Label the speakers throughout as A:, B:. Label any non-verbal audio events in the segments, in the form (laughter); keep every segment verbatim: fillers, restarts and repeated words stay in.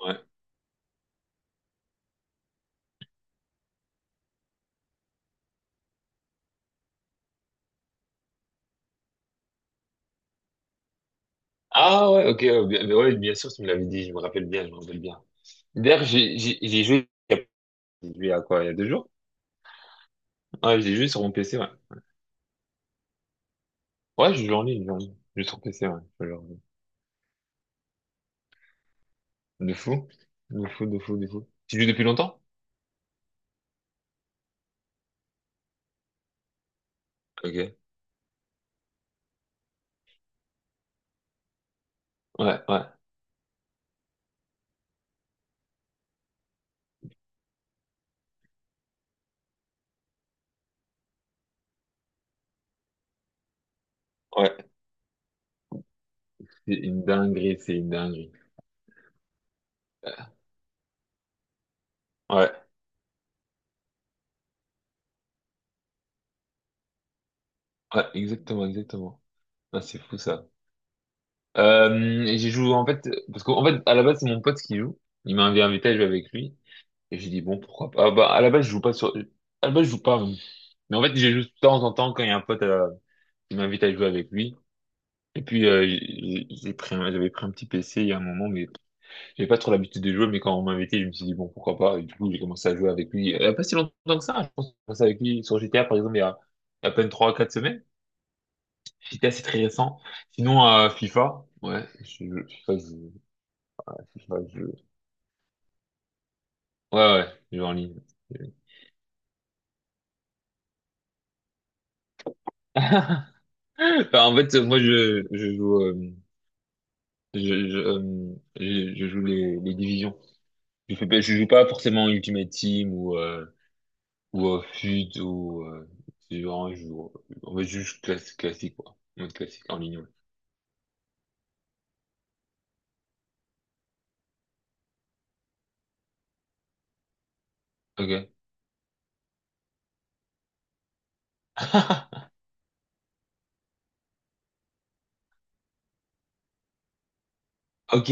A: Ouais. Ah ouais, ok, ouais, bien, ouais, bien sûr, tu me l'avais dit, je me rappelle bien, je me rappelle bien. D'ailleurs, j'ai j'ai- j'ai joué, il y a j'ai joué à quoi, il y a deux jours? Ouais, j'ai joué sur mon P C, ouais. Ouais, je joue en ligne, je joue en ligne. Je joue sur P C, ouais. je joue en ligne. De fou, de fou, de fou, de fou. Tu joues depuis longtemps? Ok. Ouais, ouais, ouais. C'est une dinguerie, c'est une dinguerie. Euh, Ouais, ouais, exactement, exactement. Ah, c'est fou ça. Euh, et j'ai joué en fait, parce qu'en fait, à la base, c'est mon pote qui joue. Il m'a invité à jouer avec lui. Et j'ai dit, bon, pourquoi pas. Ah, bah, à la base, je joue pas sur... À la base, je joue pas. Mais en fait, j'ai joué de temps en temps quand il y a un pote euh, qui m'invite à jouer avec lui. Et puis, euh, j'ai j'ai pris un- j'avais pris un petit P C il y a un moment, mais j'avais pas trop l'habitude de jouer. Mais quand on m'a invité, je me suis dit, bon, pourquoi pas. Et du coup, j'ai commencé à jouer avec lui. Il y a pas si longtemps que ça, hein. Je pense que j'ai commencé avec lui sur G T A, par exemple, il y a à peine trois quatre semaines. G T A, c'est très récent. Sinon, euh, FIFA. Ouais, je, FIFA, je, ouais, FIFA, je, ouais, ouais, je joue en ligne. (laughs) Enfin, en fait, moi, je, je joue. euh, Je, je, euh, je- je joue les, les divisions. Je fais pas, je joue pas forcément Ultimate Team ou euh, ou euh, F U T ou euh, c'est vraiment, je joue, on va juste classe, classique quoi, mode classique en ligne. Ouais. Ok. (laughs) Ok.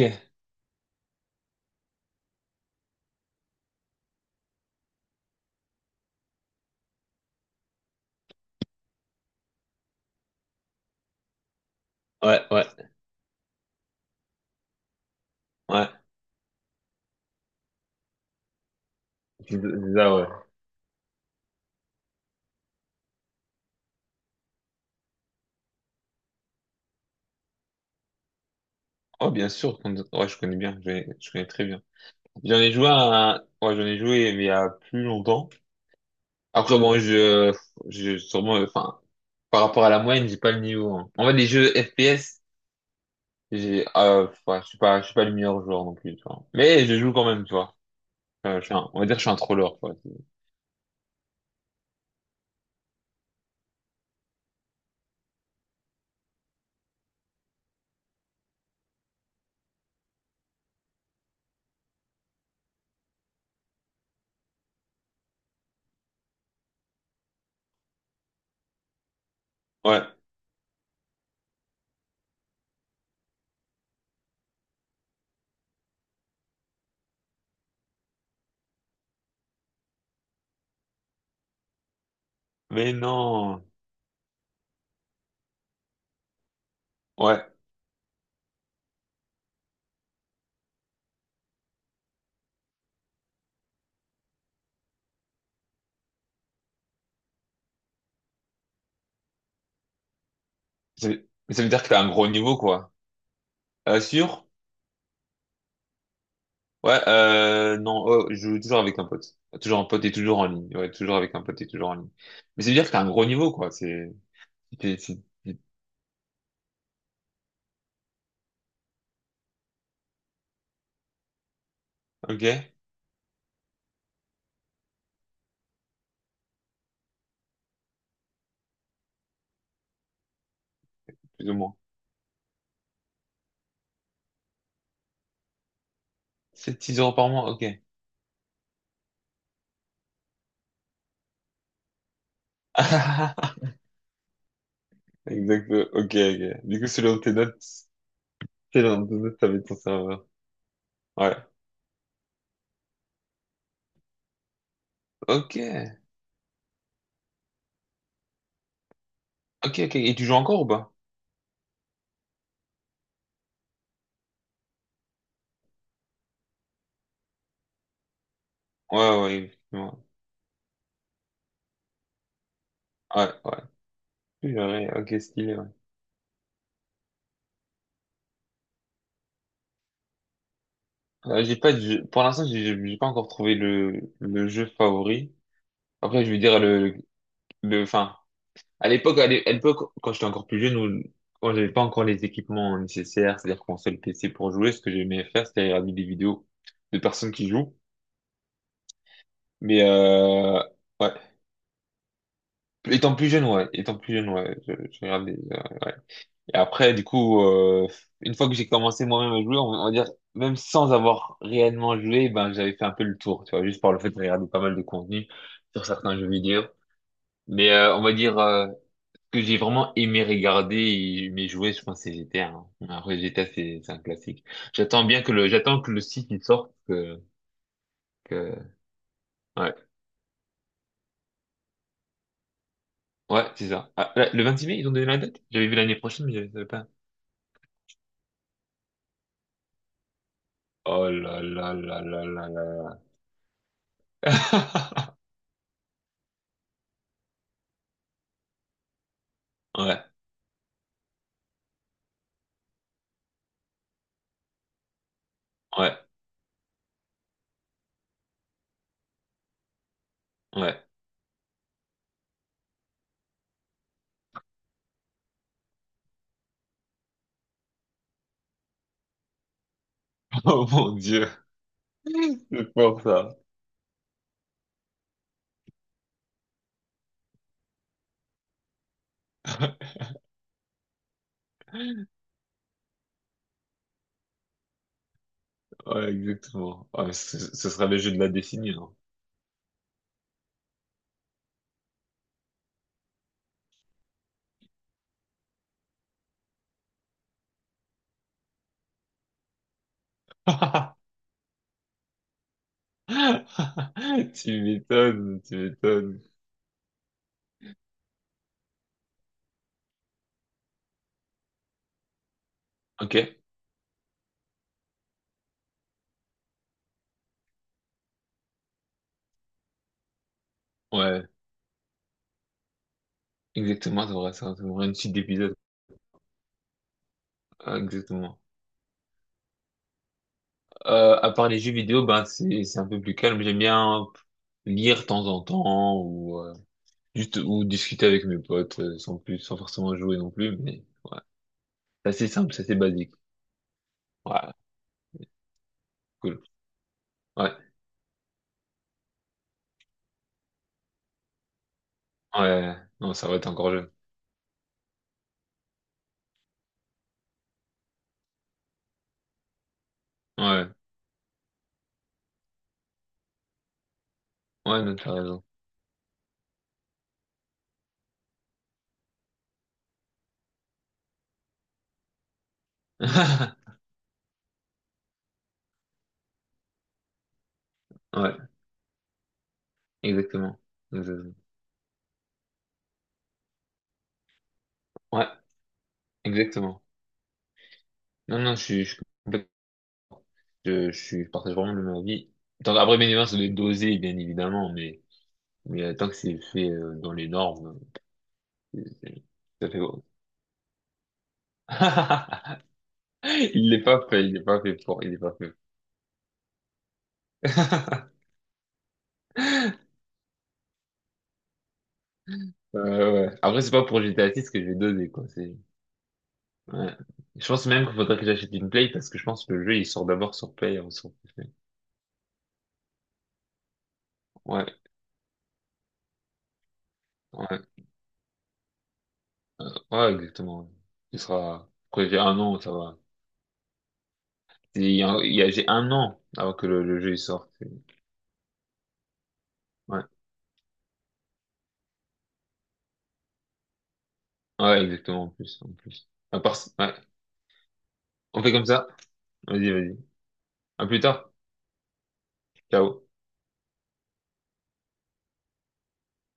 A: Ouais, ouais, ouais. C'est c'est ça, ouais. Oh, bien sûr. qu'on- Ouais, je connais bien. Je, je connais très bien. J'en ai joué à, ouais, j'en ai joué mais il y a plus longtemps. Après, bon, je, je sûrement, euh, enfin, par rapport à la moyenne, j'ai pas le niveau, hein. En fait, les jeux F P S. J'ai, euh, ouais, je suis pas, je suis pas le meilleur joueur non plus, tu vois. Mais je joue quand même, tu vois. Euh, je suis un- on va dire que je suis un troller, quoi. Ouais. Mais non. Ouais. C'est- Mais ça veut dire que t'as un gros niveau, quoi. Euh, sûr? Ouais, euh, non, oh, je joue toujours avec un pote. Toujours un pote et toujours en ligne. Ouais, toujours avec un pote et toujours en ligne. Mais ça veut dire que t'as un gros niveau, quoi. C'est, c'est, c'est- c'est- ok? Plus ou moins. sept six euros par mois, ok. (laughs) Exact, ok, ok. Du coup, selon tes notes, selon tes notes, ça va être ton serveur. Ouais. Ok. Ok, ok. Et tu joues encore ou pas? Ouais, ouais, effectivement. Ouais, ouais. J'aurais- Ok, stylé, ouais. Euh, j'ai pas de jeu- Pour l'instant, j'ai j'ai j'ai pas encore trouvé le, le jeu favori. Après, je vais dire le, le, enfin, à l'époque, à l'é- à l'époque, quand j'étais encore plus jeune ou quand j'avais pas encore les équipements nécessaires, c'est-à-dire console P C pour jouer, ce que j'aimais faire, c'était regarder des vidéos de personnes qui jouent. Mais, euh, ouais. Étant plus jeune, ouais. Étant plus jeune, ouais. Je, je regardais, euh, ouais. Et après, du coup, euh, une fois que j'ai commencé moi-même à jouer, on, on va dire, même sans avoir réellement joué, ben, j'avais fait un peu le tour, tu vois, juste par le fait de regarder pas mal de contenu sur certains jeux vidéo. Mais euh, on va dire euh, que j'ai vraiment aimé regarder et aimé jouer, je pense que c'est G T A. Hein. Après, G T A, c'est c'est un classique. J'attends bien que le, j'attends que le site il sorte, que, que... Ouais, ouais, c'est ça. Ah, là, le vingt-six mai, ils ont donné la date? J'avais vu l'année prochaine, mais je savais pas. Oh là là là là là là. (laughs) Ouais, ouais, ouais. (laughs) Oh mon Dieu, c'est pour ça. Ouais, exactement. Ah, mais ce, ce sera le jeu de la décennie, non? (laughs) Tu m'étonnes, tu m'étonnes. Ok, ouais, exactement, ça devrait, ça devrait une suite d'épisodes. Ah, Exactement. Euh, à part les jeux vidéo, ben c'est c'est un peu plus calme. J'aime bien lire de temps en temps ou euh, juste ou discuter avec mes potes euh, sans plus, sans forcément jouer non plus. Mais ouais, c'est assez simple, c'est assez basique. Ouais, cool. Ouais, ouais. Non, ça va être encore jeune. Ouais. Ouais, non, t'as raison. (laughs) Ouais, exactement. Exactement. Ouais, exactement. Non, non, je suis, je suis complètement- je, je suis, je partage vraiment le même avis. Tant, après, bien évidemment, ça doit être dosé, bien évidemment, mais, mais euh, tant que c'est fait euh, dans les normes, c'est- c'est- ça fait bon. (laughs) Il n'est pas fait, il n'est pas fait pour, il est pas fait. (laughs) Euh, ouais. Après, c'est pas pour G T A six que je vais doser, quoi. C'est, ouais. Je pense même qu'il faudrait que j'achète une Play parce que je pense que le jeu, il sort d'abord sur Play avant sur P C. Ouais, ouais. Ouais, exactement. Il sera, après j'ai un an, ça va. Il y a, il y a- j'ai un an avant que le, le jeu il sorte. c'est- Ouais. Ouais, exactement, en plus, en plus. À part, ouais. On fait comme ça. Vas-y, vas-y. À plus tard. Ciao.